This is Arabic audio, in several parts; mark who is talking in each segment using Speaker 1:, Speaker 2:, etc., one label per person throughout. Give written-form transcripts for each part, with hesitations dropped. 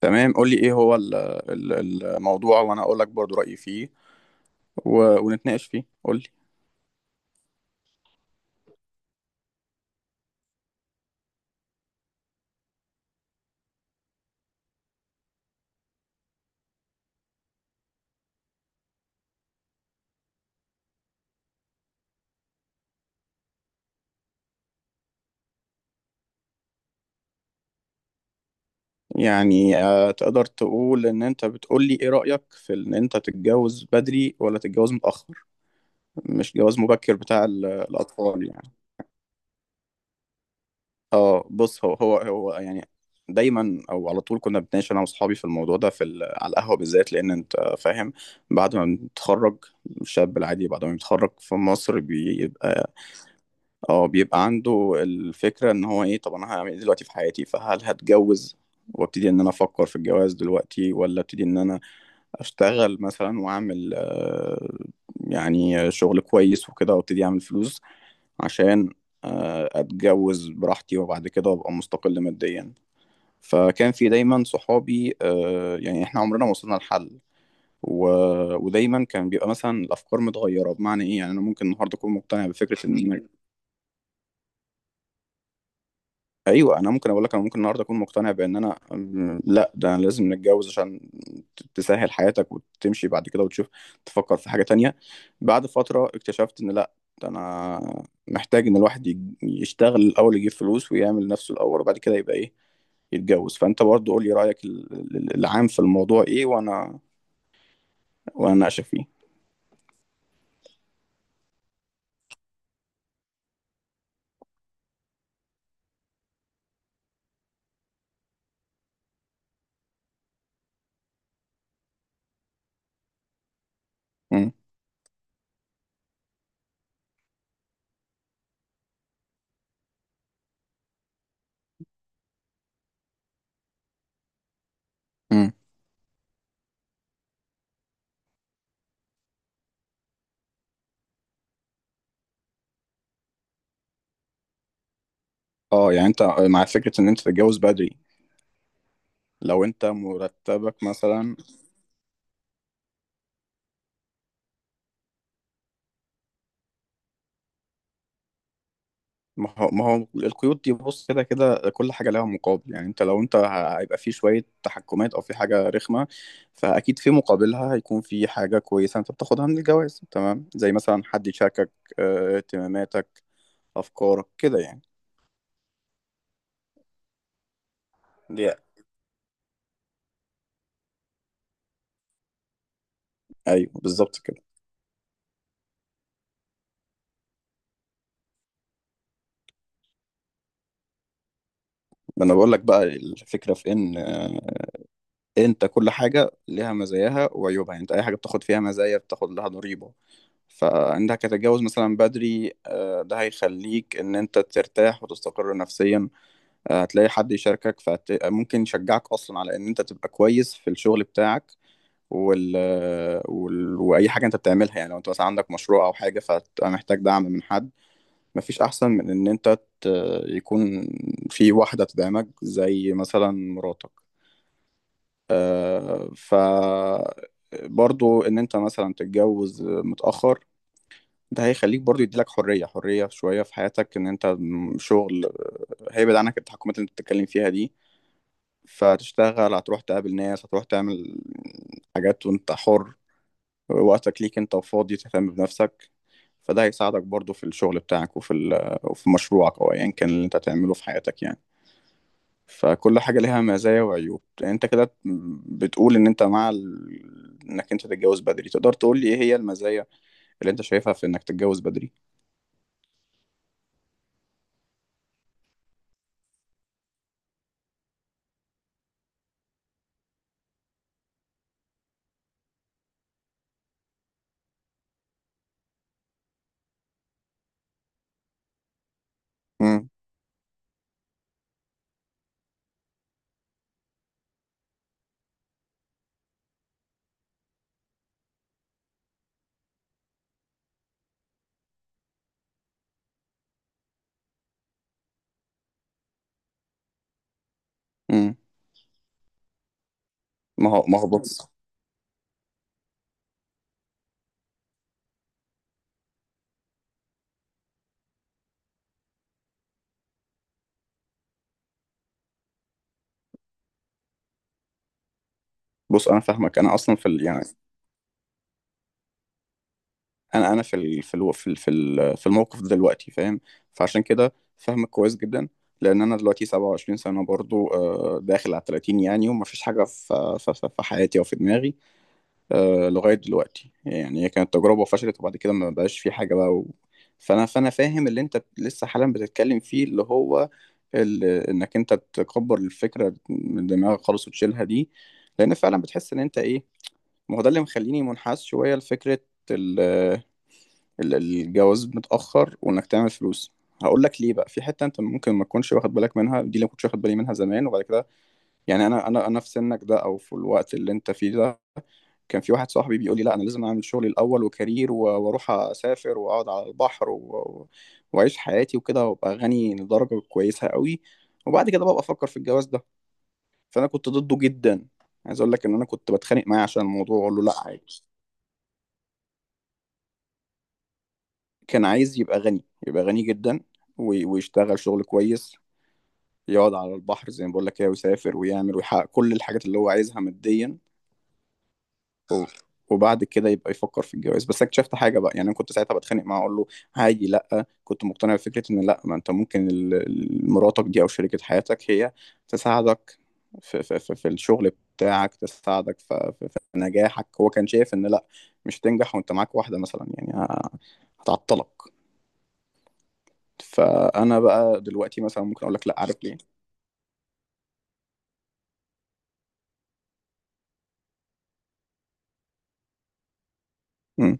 Speaker 1: تمام، قول لي ايه هو الموضوع وانا اقول لك برضو رأيي فيه، ونتناقش فيه. قول لي. تقدر تقول ان انت بتقول لي ايه رأيك في ان انت تتجوز بدري ولا تتجوز متأخر، مش جواز مبكر بتاع الاطفال يعني. اه بص هو هو هو يعني دايما او على طول كنا بنتناقش انا واصحابي في الموضوع ده في على القهوه بالذات، لان انت فاهم بعد ما بتتخرج، الشاب العادي بعد ما بيتخرج في مصر بيبقى، اه، بيبقى عنده الفكرة ان هو ايه. طب انا هعمل ايه دلوقتي في حياتي؟ فهل هتجوز وابتدي ان انا افكر في الجواز دلوقتي، ولا ابتدي ان انا اشتغل مثلا واعمل يعني شغل كويس وكده وابتدي اعمل فلوس عشان اتجوز براحتي وبعد كده ابقى مستقل ماديا. فكان في دايما صحابي، يعني احنا عمرنا ما وصلنا لحل و... ودايما كان بيبقى مثلا الافكار متغيره، بمعنى ايه؟ يعني انا ممكن النهارده اكون مقتنع بفكره ان ايوه، انا ممكن اقول لك انا ممكن النهارده اكون مقتنع بان انا لا، ده انا لازم نتجوز عشان تسهل حياتك وتمشي بعد كده وتشوف، تفكر في حاجه تانية. بعد فتره اكتشفت ان لا، ده انا محتاج ان الواحد يشتغل الاول، يجيب فلوس ويعمل نفسه الاول وبعد كده يبقى ايه، يتجوز. فانت برضه قول لي رايك العام في الموضوع ايه، وانا اناقشك فيه. مم. مم. اه، يعني انت مع فكره ان انت تتجوز بدري لو انت مرتبك مثلا. ما هو القيود دي، بص، كده كده كل حاجه لها مقابل. يعني انت لو انت هيبقى في شويه تحكمات او في حاجه رخمه، فاكيد في مقابلها هيكون في حاجه كويسه انت بتاخدها من الجواز، تمام؟ زي مثلا حد يشاركك اهتماماتك، افكارك كده يعني. دي ايوه، بالظبط كده. ما انا بقول لك بقى الفكره في ان انت كل حاجه ليها مزاياها وعيوبها. يعني انت اي حاجه بتاخد فيها مزايا بتاخد لها ضريبه. فانك هتتجوز مثلا بدري ده هيخليك ان انت ترتاح وتستقر نفسيا، هتلاقي حد يشاركك، فممكن يشجعك اصلا على ان انت تبقى كويس في الشغل بتاعك وال... واي حاجه انت بتعملها. يعني لو انت مثلا عندك مشروع او حاجه فهتبقى محتاج دعم من حد. مفيش احسن من ان انت يكون في واحده تدعمك زي مثلا مراتك. آه، ف برضو ان انت مثلا تتجوز متأخر ده هيخليك برضو، يديلك حرية، حرية شوية في حياتك، ان انت م- شغل آه، هيبعد عنك التحكمات اللي انت بتتكلم فيها دي. فتشتغل، هتروح تقابل ناس، هتروح تعمل حاجات وانت حر. وقتك ليك انت، وفاضي تهتم بنفسك. فده هيساعدك برضو في الشغل بتاعك وفي وفي مشروعك او ايا كان اللي انت هتعمله في حياتك يعني. فكل حاجة ليها مزايا وعيوب. انت كده بتقول ان انت مع انك انت تتجوز بدري. تقدر تقول لي ايه هي المزايا اللي انت شايفها في انك تتجوز بدري؟ امم. ما هو بص. انا فاهمك، انا اصلا في ال... يعني انا انا في ال... في الو... في ال... في ال... في الموقف ده دلوقتي، فاهم؟ فعشان كده فاهمك كويس جدا. لان انا دلوقتي 27 سنه برضو، داخل على 30 يعني. وما فيش حاجه في حياتي او في دماغي لغايه دلوقتي. يعني هي كانت تجربه وفشلت وبعد كده ما بقاش في حاجه بقى و... فانا فانا فاهم اللي انت لسه حالا بتتكلم فيه، اللي هو انك انت تكبر الفكره من دماغك خالص وتشيلها دي، لان فعلا بتحس ان انت ايه. ما هو ده اللي مخليني منحاز شوية لفكرة ال- الجواز متأخر وإنك تعمل فلوس. هقول لك ليه بقى، في حتة أنت ممكن ما تكونش واخد بالك منها دي، اللي ما كنتش واخد بالي منها زمان وبعد كده يعني. أنا في سنك ده أو في الوقت اللي أنت فيه ده كان في واحد صاحبي بيقول لي لا، أنا لازم أعمل شغلي الأول، وكارير، وأروح أسافر وأقعد على البحر وأعيش حياتي وكده، وأبقى غني لدرجة كويسة قوي، وبعد كده بقى أفكر في الجواز ده. فأنا كنت ضده جدا، عايز أقول لك إن أنا كنت بتخانق معاه عشان الموضوع، وأقول له لا عادي. كان عايز يبقى غني، يبقى غني جدًا، و ويشتغل شغل كويس، يقعد على البحر زي ما باقول لك كده، ويسافر ويعمل ويحقق كل الحاجات اللي هو عايزها ماديًا، و وبعد كده يبقى يفكّر في الجواز. بس اكتشفت حاجة بقى. يعني أنا كنت ساعتها باتخانق معاه أقول له: "هاجي، لأ." كنت مقتنع بفكرة إن لأ، ما أنت ممكن ال ال مراتك دي أو شريكة حياتك هي تساعدك في في الشغل بتاعك، تساعدك ف في في نجاحك. هو كان شايف إن لأ، مش هتنجح وأنت معاك واحدة مثلًا، يعني هتعطّلك. فأنا بقى دلوقتي مثلًا ممكن أقول لك لأ، عارف ليه؟ إمم،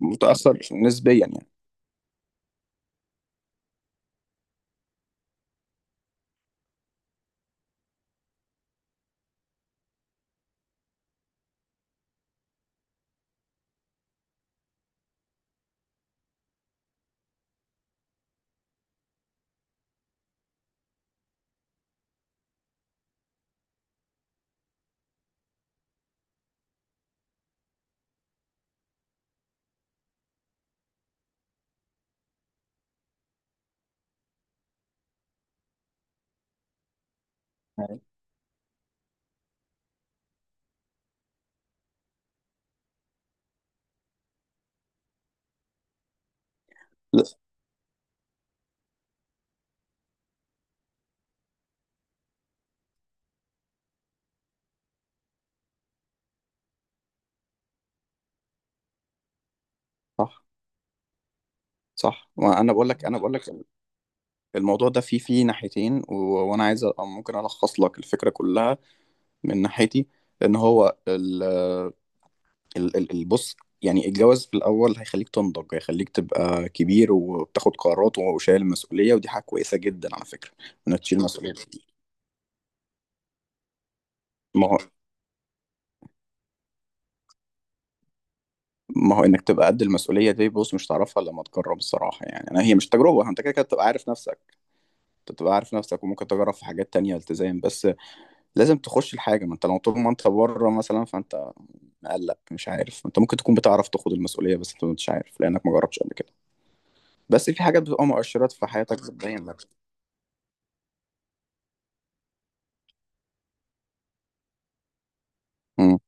Speaker 1: متأثّر نسبيًا يعني. أيوه. لأ، صح. صح. ما أنا باقول لك أنا، باقول لك الموضوع ده فيه، ناحيتين، وأنا عايز أبقى ممكن ألخّص لك الفكرة كلّها من ناحيتي. لإن هو ال ال ال ال بُص، يعني الجواز في الأول هيخلّيك تنضج، هيخلّيك تبقى كبير وبتاخد قرارات وشايل مسؤولية، ودي حاجة كويسة جدًا على فكرة، إنك تشيل مسؤولية. ما هو انك تبقى قد المسؤوليه دي، بص، مش تعرفها الا لما تجرب. الصراحه يعني انا هي مش تجربه، انت كده كده بتبقى عارف نفسك. انت بتبقى عارف نفسك وممكن تجرب في حاجات تانية التزام، بس لازم تخش الحاجه. ما انت لو طول ما انت بره مثلا فانت مقلق، مش عارف. انت ممكن تكون بتعرف تاخد المسؤوليه بس انت مش عارف لانك ما جربتش قبل كده. بس في حاجات بتبقى مؤشرات في حياتك بتبين لك. مم.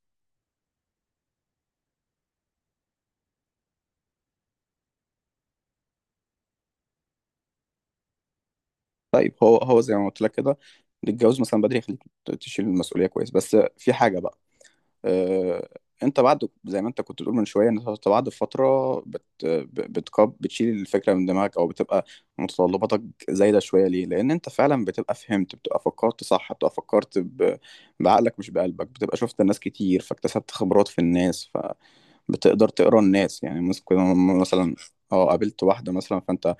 Speaker 1: طيب، هو هو زي ما قلت لك كده، الجواز مثلا بدري يخليك تشيل المسؤوليه كويس. بس في حاجه بقى، آه، انت بعد زي ما انت كنت بتقول من شويه ان انت بعد فتره بت ب- بتكب بتشيل الفكره من دماغك، او بتبقى متطلباتك زايده شويه. ليه؟ لان انت فعلا بتبقى فهمت، بتبقى فكرت صح، بتبقى فكرت بعقلك مش بقلبك، بتبقى شفت الناس كتير فاكتسبت خبرات في الناس، فبتقدر تقرا الناس. يعني كنا مثلا، اه، قابلت واحده مثلا فانت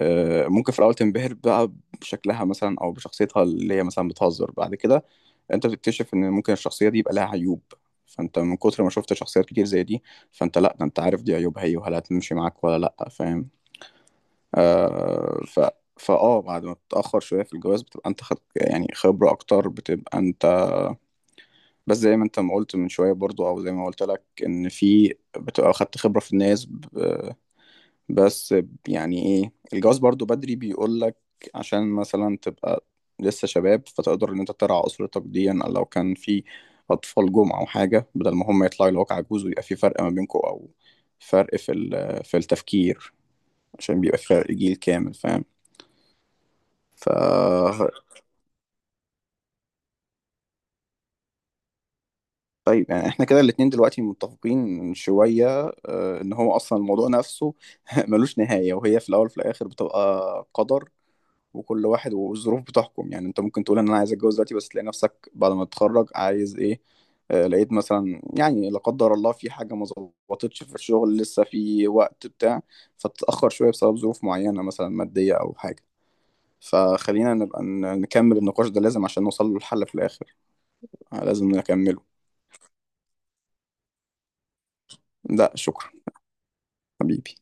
Speaker 1: ممكن في الاول تنبهر بقى بشكلها مثلا او بشخصيتها اللي هي مثلا بتهزر. بعد كده انت بتكتشف ان ممكن الشخصيه دي يبقى لها عيوب. فانت من كتر ما شفت شخصيات كتير زي دي فانت لا، ده انت عارف دي عيوبها هي، وهل هتمشي معاك ولا لا، فاهم؟ آه ف فاه بعد ما بتتاخر شويه في الجواز بتبقى انت خد يعني خبره اكتر، بتبقى انت بس زي ما انت ما قلت من شويه برضو، او زي ما قلت لك، ان في بتبقى خدت خبره في الناس. بس يعني ايه الجواز برضو بدري بيقولك، عشان مثلا تبقى لسه شباب فتقدر ان انت ترعى اسرتك ديا، أو لو كان في اطفال جم او حاجه، بدل ما هم يطلعوا لوك عجوز ويبقى في فرق ما بينكم، او فرق في في التفكير، عشان بيبقى في فرق جيل كامل، فاهم؟ ف طيب، يعني احنا كده الاتنين دلوقتي متفقين شويه ان هو اصلا الموضوع نفسه ملوش نهايه. وهي في الاول وفي الاخر بتبقى قدر، وكل واحد والظروف بتحكم. يعني انت ممكن تقول ان انا عايز اتجوز دلوقتي، بس تلاقي نفسك بعد ما تتخرج عايز ايه، لقيت مثلا يعني لا قدر الله في حاجة ما ظبطتش في الشغل، لسه في وقت بتاع، فتتأخر شوية بسبب ظروف معينة مثلا مادية أو حاجة. فخلينا نبقى نكمل النقاش ده لازم، عشان نوصل له الحل في الآخر. لازم نكمله. ده شكرا حبيبي.